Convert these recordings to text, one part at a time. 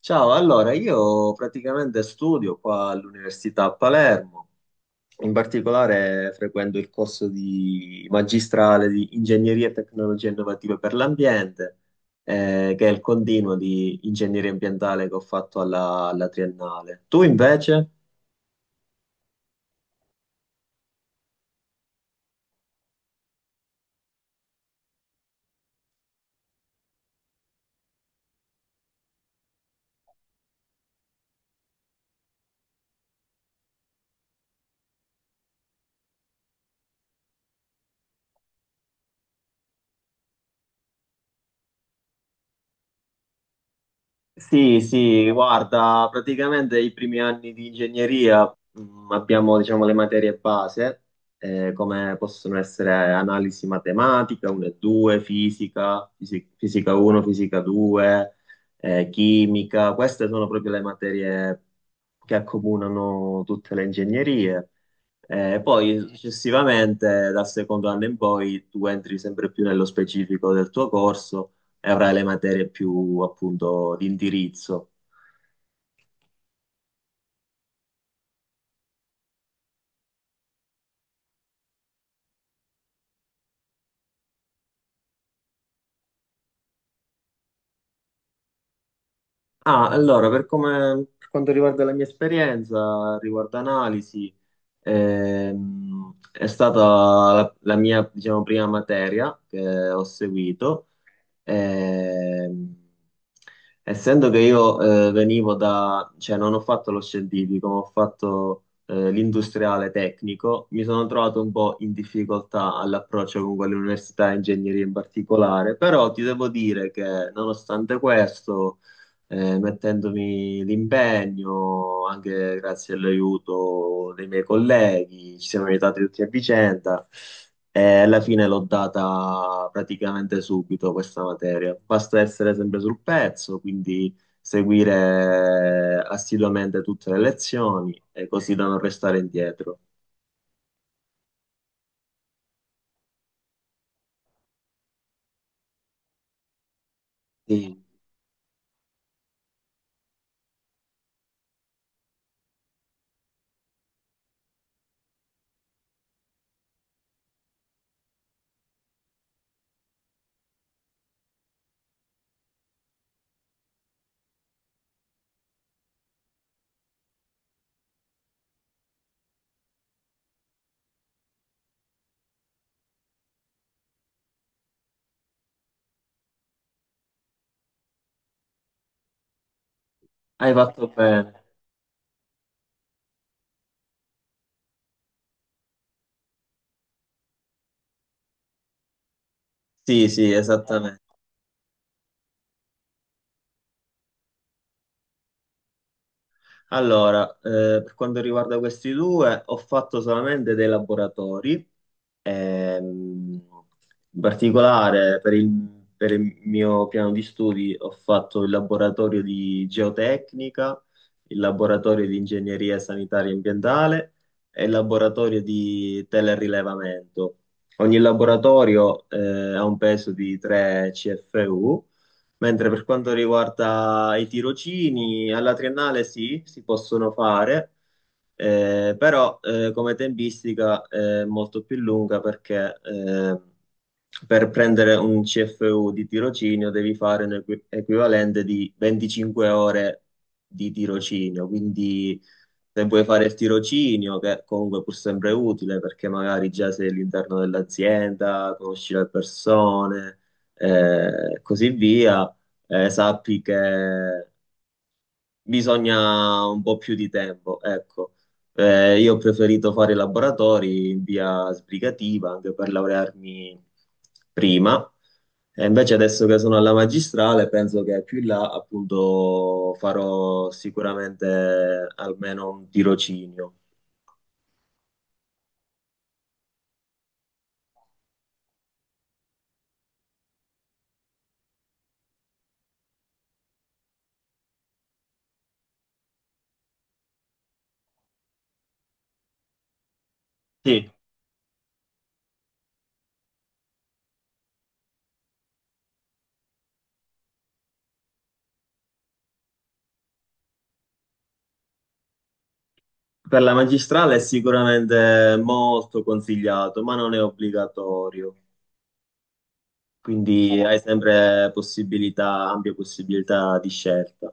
Ciao, allora io praticamente studio qua all'Università a Palermo, in particolare frequento il corso di magistrale di Ingegneria e Tecnologie Innovative per l'Ambiente, che è il continuo di ingegneria ambientale che ho fatto alla triennale. Tu invece? Sì, sì, guarda, praticamente i primi anni di ingegneria abbiamo, diciamo, le materie base, come possono essere analisi matematica 1 e 2, fisica, fisica 1, fisica 2, chimica. Queste sono proprio le materie che accomunano tutte le ingegnerie. Poi successivamente, dal secondo anno in poi, tu entri sempre più nello specifico del tuo corso e avrai le materie più appunto di indirizzo. Ah, allora, per quanto riguarda la mia esperienza, riguardo analisi, è stata la mia, diciamo, prima materia che ho seguito. Ehm, Essendo che io venivo da, cioè non ho fatto lo scientifico, ma ho fatto l'industriale tecnico, mi sono trovato un po' in difficoltà all'approccio con quell'università di ingegneria in particolare, però ti devo dire che nonostante questo, mettendomi l'impegno, anche grazie all'aiuto dei miei colleghi, ci siamo aiutati tutti a vicenda. E alla fine l'ho data praticamente subito questa materia. Basta essere sempre sul pezzo, quindi seguire assiduamente tutte le lezioni e così da non restare indietro. Sì, hai fatto bene. Sì, sì, esattamente. Allora, per quanto riguarda questi due, ho fatto solamente dei laboratori. Ehm, In particolare per il mio piano di studi ho fatto il laboratorio di geotecnica, il laboratorio di ingegneria sanitaria e ambientale e il laboratorio di telerilevamento. Ogni laboratorio ha un peso di 3 CFU, mentre per quanto riguarda i tirocini, alla triennale sì, si possono fare. Però come tempistica è molto più lunga perché per prendere un CFU di tirocinio devi fare un equivalente di 25 ore di tirocinio, quindi se vuoi fare il tirocinio, che comunque è pur sempre utile perché magari già sei all'interno dell'azienda, conosci le persone, così via, sappi che bisogna un po' più di tempo, ecco. Io ho preferito fare i laboratori in via sbrigativa anche per laurearmi prima. E invece adesso che sono alla magistrale, penso che più in là appunto farò sicuramente almeno un tirocinio. Sì, per la magistrale è sicuramente molto consigliato, ma non è obbligatorio, quindi hai sempre possibilità, ampie possibilità di scelta.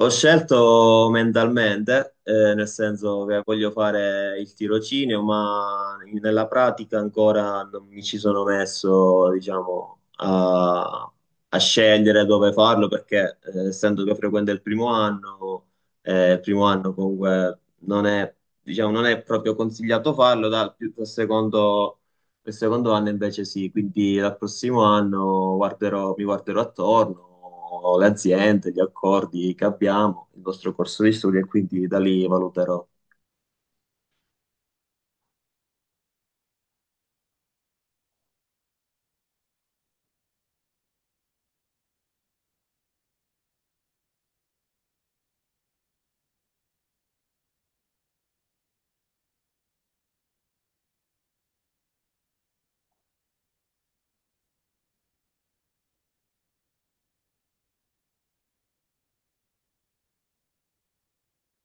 Ho scelto mentalmente, nel senso che voglio fare il tirocinio, ma nella pratica ancora non mi ci sono messo, diciamo, a scegliere dove farlo, perché essendo che frequento il primo anno comunque non è, diciamo, non è proprio consigliato farlo, dal secondo. Il secondo anno invece sì, quindi dal prossimo anno mi guarderò attorno, le aziende, gli accordi che abbiamo, il nostro corso di studio e quindi da lì valuterò.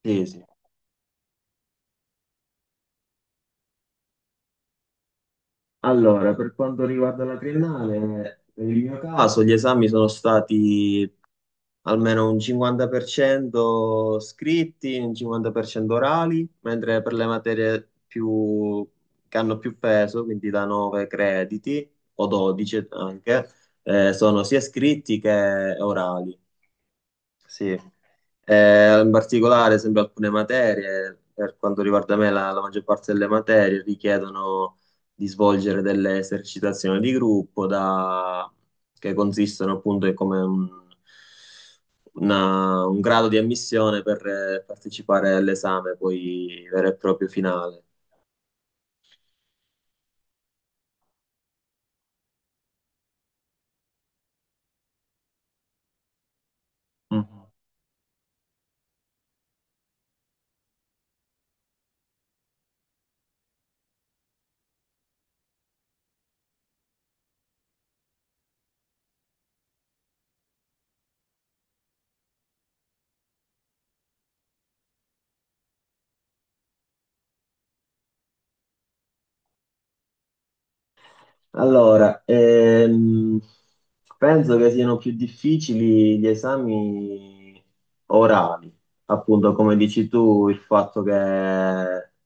Sì, sì. Allora, per quanto riguarda la triennale, nel mio caso gli esami sono stati almeno un 50% scritti, un 50% orali, mentre per le materie più, che hanno più peso, quindi da 9 crediti o 12 anche, sono sia scritti che orali. Sì, in particolare sempre alcune materie, per quanto riguarda me, la maggior parte delle materie richiedono di svolgere delle esercitazioni di gruppo che consistono appunto in un grado di ammissione per partecipare all'esame poi vero e proprio finale. Allora, penso che siano più difficili gli esami orali, appunto come dici tu, il fatto che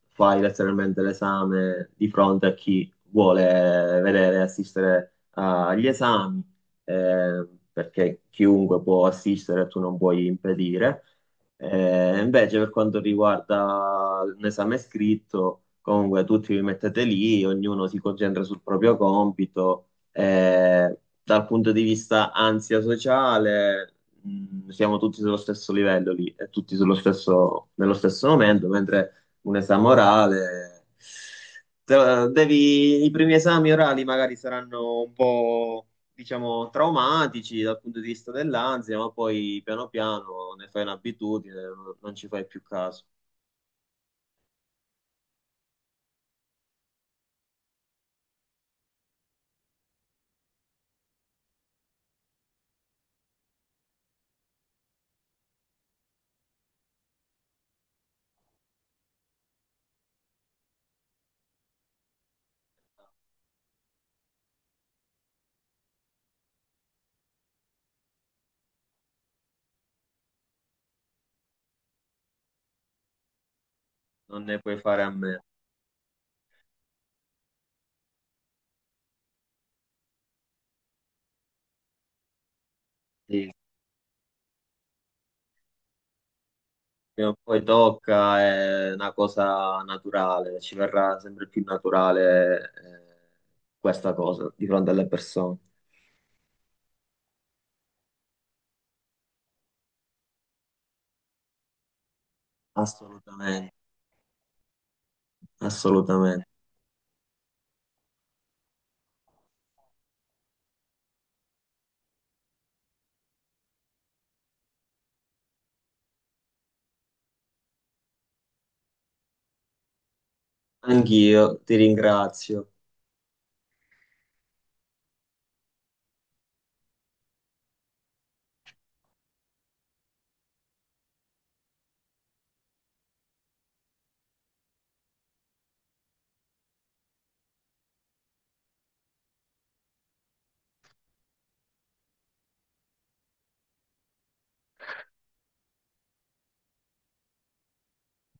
fai letteralmente l'esame di fronte a chi vuole vedere e assistere agli esami, eh, perché chiunque può assistere, tu non puoi impedire. Invece per quanto riguarda l'esame scritto, comunque tutti vi mettete lì, ognuno si concentra sul proprio compito. Dal punto di vista ansia sociale, siamo tutti sullo stesso livello lì e tutti sullo stesso, nello stesso momento, mentre un esame orale, devi, i primi esami orali magari saranno un po', diciamo, traumatici dal punto di vista dell'ansia, ma poi piano piano ne fai un'abitudine, non ci fai più caso, non ne puoi fare a meno. Sì, prima o poi tocca, è una cosa naturale, ci verrà sempre più naturale, questa cosa di fronte alle persone. Assolutamente, assolutamente. Anch'io ti ringrazio.